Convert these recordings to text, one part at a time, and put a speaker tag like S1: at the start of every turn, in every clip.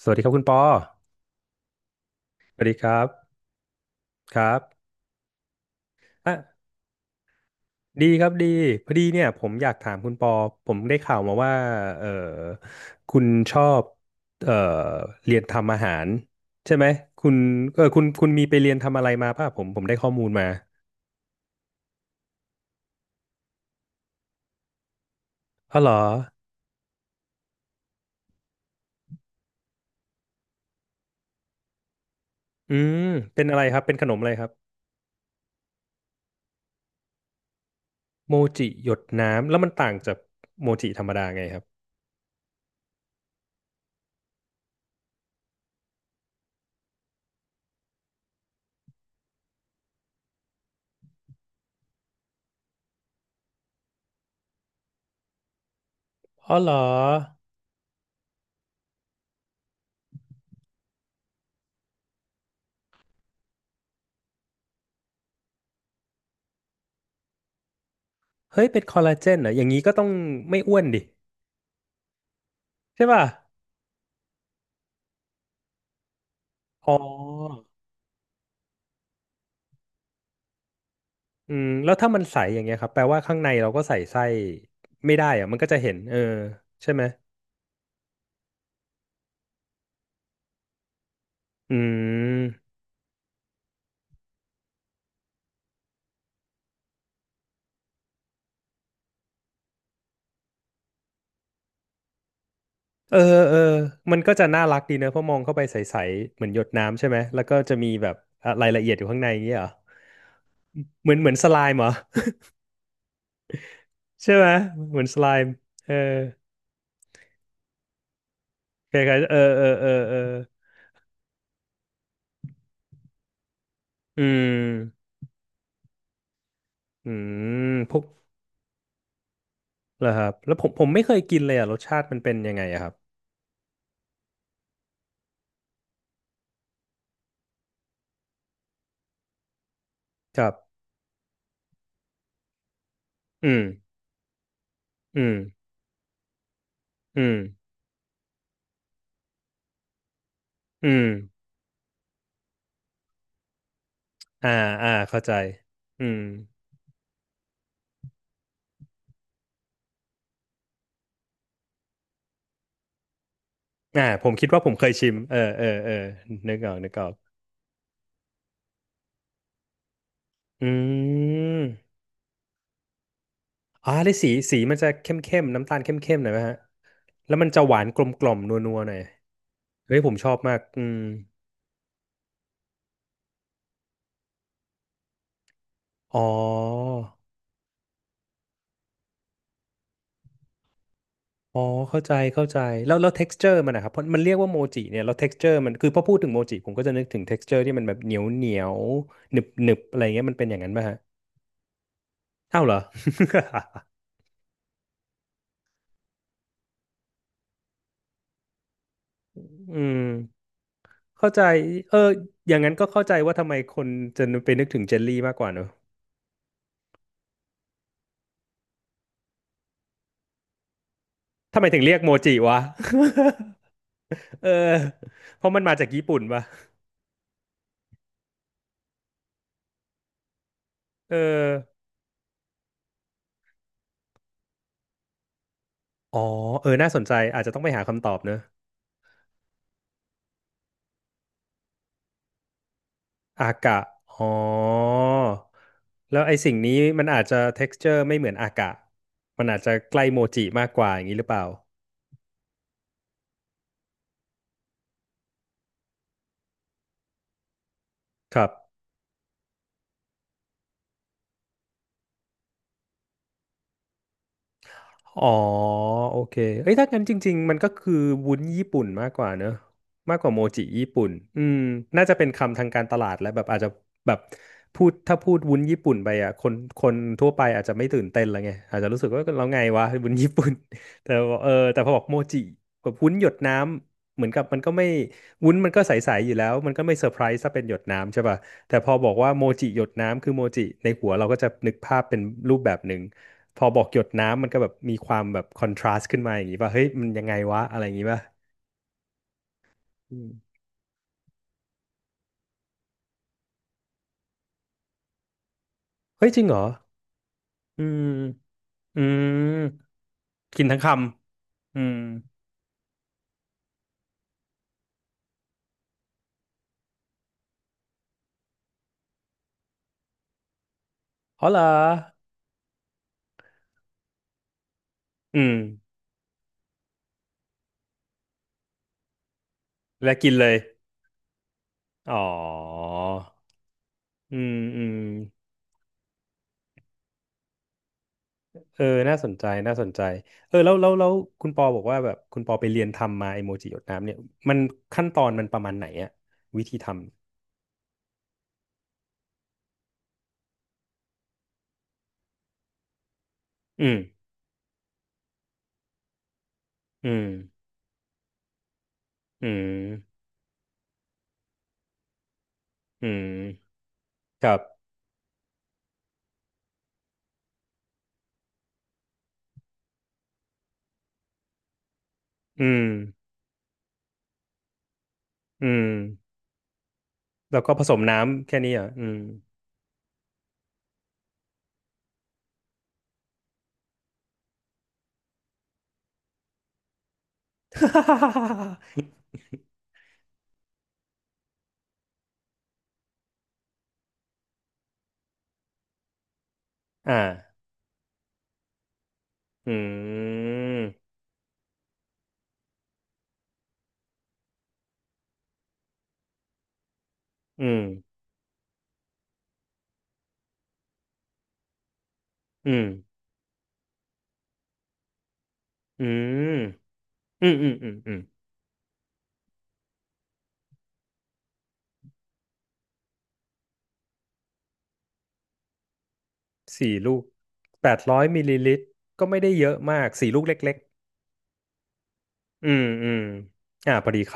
S1: สวัสดีครับคุณปอสวัสดีครับครับอ่ะดีครับดีพอดีเนี่ยผมอยากถามคุณปอผมได้ข่าวมาว่าเออคุณชอบเออเรียนทำอาหารใช่ไหมคุณคุณมีไปเรียนทำอะไรมาป่ะผมได้ข้อมูลมาอ๋อเหรออืมเป็นอะไรครับเป็นขนมอะไรครับโมจิหยดน้ำแล้วมันต่างจากโมจิธรรมดาไงครับอ๋อเหรอเฮ้ยเป็นคอลลาเจนเหรออย่างนี้ก็ต้องไม่อ้วนดิใช่ป่ะอ๋อ อืมแล้วถ้ามันใสอย่างเงี้ยครับแปลว่าข้างในเราก็ใส่ไส้ไม่ได้อะมันก็จะเห็นใช่ไหมอืมเออเออมันก็จะน่ารักดีเนอะเพราะมองเข้าไปใสๆเหมือนหยดน้ำใช่ไหมแล้วก็จะมีแบบอะรายละเอียดอยู่ข้างในอย่างเงี้ยเหรอเหมือนสไลม์เหรอ ใช่ไหมเหมือนสไลม์เออคล้ายๆเออเออเออเอออืมอืมพวกเหรอครับแล้วผมไม่เคยกินเลยอ่ะรสชาติมันเป็นยังไงอะครับครับอืมอืมอืมอืม อ่าอ่าเข้าใจ อืมอ่าผมคิดว่าผมเคยชิม เออเออเออ นึกออกนึกออกอืมอ่าได้สีสีมันจะเข้มเข้มน้ำตาลเข้มเข้มหน่อยไหมฮะ แล้วมันจะหวานกลมกล่อมนัวนัวหน่อยเฮ้ยผมชอบมาก อืม อ๋อ อ๋อเข้าใจเข้าใจแล้วแล้ว texture มันนะครับ เพราะมันเรียกว่าโมจิเนี่ย แล้ว texture มันคือพอพูดถึงโมจิผมก็จะนึกถึง texture ที่มันแบบเหนียวเหนียวหนึบหนึบอะไรเงี้ยมันเป็นอย่างนั้นป่ะฮะอ้าวเหรอ อืม เข้าใจเอออย่างนั้นก็เข้าใจว่าทำไมคนจะไปนึกถึงเจลลี่มากกว่าเนอะ ทำไมถึงเรียกโมจิวะ เออเพราะมันมาจากญี่ปุ่นปะเอออ๋อเออน่าสนใจ อาจจะต้องไปหาคำตอบเนอะ อากะ อ๋อ แล้วไอ้สิ่งนี้มันอาจจะ texture ไม่เหมือนอากะ มันอาจจะใกล้โมจิมากกว่าอย่างนี้หรือเปล่า ครับ อ๋อโอเคเอ้ยถ้างั้นจริงๆมันก็คือวุ้นญี่ปุ่นมากกว่าเนอะมากกว่าโมจิญี่ปุ่นอืมน่าจะเป็นคำทางการตลาดและแบบอาจจะแบบพูดถ้าพูดวุ้นญี่ปุ่นไปอ่ะคนทั่วไปอาจจะไม่ตื่นเต้นแล้วไงอาจจะรู้สึกว่าเราไงวะวุ้นญี่ปุ่น แต่ว่าเออแต่พอบอกโมจิแบบวุ้นหยดน้ำเหมือนกับมันก็ไม่วุ้นมันก็ใสๆอยู่แล้วมันก็ไม่เซอร์ไพรส์ถ้าเป็นหยดน้ำใช่ป่ะแต่พอบอกว่าโมจิหยดน้ำคือโมจิในหัวเราก็จะนึกภาพเป็นรูปแบบหนึ่ง พอบอกหยดน้ำมันก็แบบมีความแบบคอนทราสต์ขึ้นมาอย่างนี้ป่ะเฮ้ยมันยังไงวะอะไรอย่างนี้ป่ะอืมเฮ้ยจริงเหรออืมอืมกินทั้งคำอืมอ๋อเหรออืมและกินเลยอ๋ออืมอืมเออน่าสนใจน่าสนใจเออแล้วแล้วแล้วคุณปอบอกว่าแบบคุณปอไปเรียนทำมาไอโมจิหยดน้ำเนี่ยมันขั้นตอนมันประมาณไหนอะวิธีทำอืมอืมอืมอืมครับอืมอืม แล้วก็ผสมน้ำแค่นี้เหรอ่ะอืม อ่าอืมอืมอืมอืมอืมอืมอืมอืมสี่ลูก800 มิลลิลิตรก็ไม่ได้เยอะมากสี่ลูกเล็กๆอืมอืมอ่าพอดีค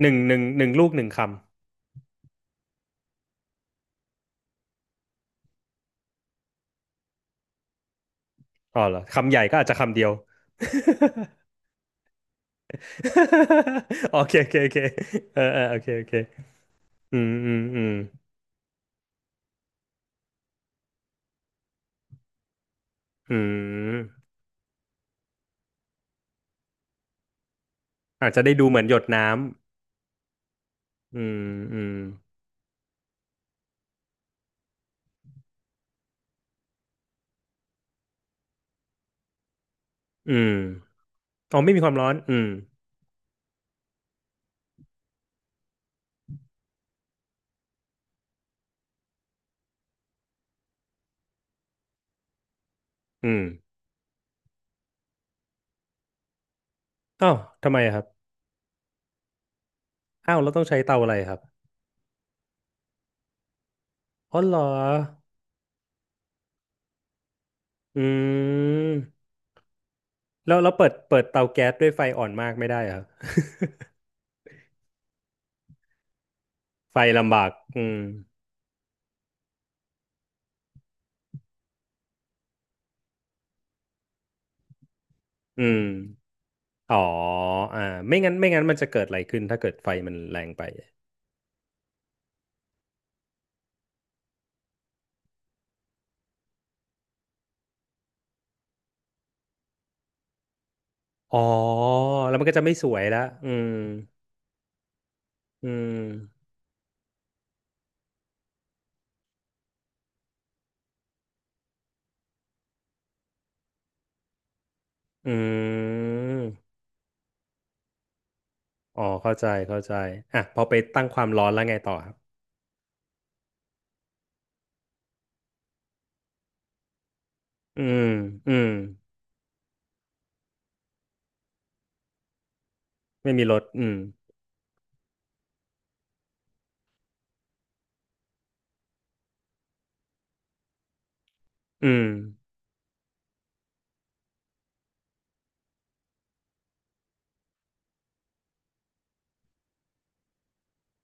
S1: ำหนึ่งลูกหนึ่งคำอ๋อเหรอคำใหญ่ก็อาจจะคำเดียว โอเคโอเคโอเคเออเออโอเคโอเคอืมอืมอืมอืมอาจจะได้ดูเหมือนหยดน้ อืมอืมอืมอ๋อไม่มีความร้อนอืมอืมอ้าวทำไมอะครับอ้าวเราต้องใช้เตาอะไรครับอ๋อเหรออืมแล้วเราเปิดเตาแก๊สด้วยไฟอ่อนมากไม่ได้เหรอครับ ไฟลำบากอืมอืมอ๋ออ่าไม่งั้นมันจะเกิดอะไรขึ้นถ้าเกิดไฟมันแรงไปอ๋อแล้วมันก็จะไม่สวยละอืมอืมอืมอ๋อเข้าใจเข้าใจอ่ะพอไปตั้งความร้อนแล้วไงต่อครับ อืมอืมไม่มีรถอืมอืม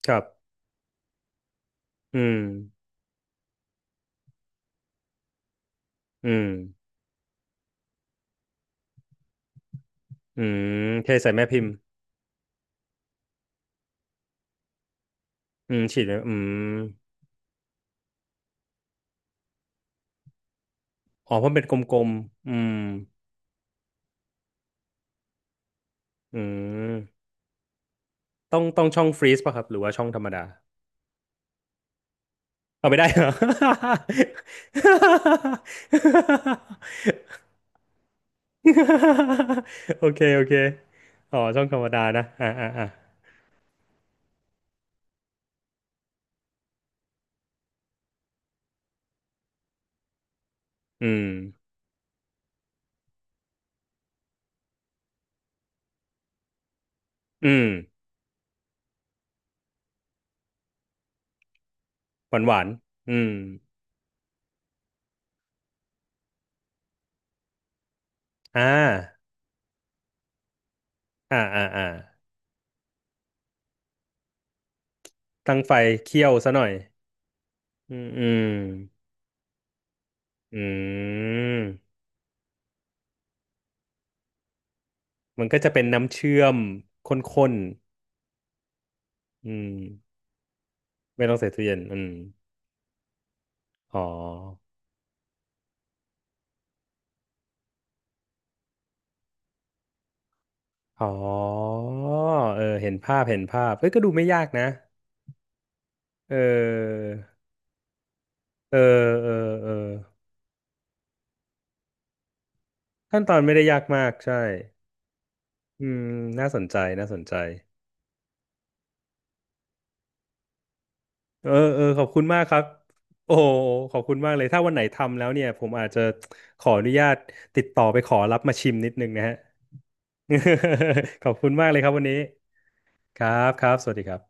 S1: ครับอืมอืมอืมเทใส่แม่พิมพ์อืมฉีดไว้อืมอ๋อเพราะมันเป็นกลมๆอืมอืมต้องช่องฟรีซป่ะครับหรือว่าช่องธรรมดาเอาไม่ได้ เหรอ โอเคโอเคอ๋อช่องธรรมดานะอ่าอ่าอ่าอืมอืมหวานหวานอืมอ่าอ่าอ่าอ่า ตั้งไฟเคี่ยวซะหน่อยอืมอืมอืมมันก็จะเป็นน้ำเชื่อมข้นๆอืมไม่ต้องใส่ตู้เย็นอืมอ๋ออ๋อเออเห็นภาพเห็นภาพเอ้ย ก็ดูไม่ยากนะเออเออเออเออขั้นตอนไม่ได้ยากมาก ใช่อืมน่าสนใจน่าสนใจเออเออขอบคุณมากครับ โอ้โหขอบคุณมากเลย ถ้าวันไหนทำแล้วเนี่ย ผมอาจจะขออนุญาตติดต่อไปขอรับมาชิมนิดนึงนะฮะ ขอบคุณมากเลยครับวันนี้ ครับครับสวัสดีครับ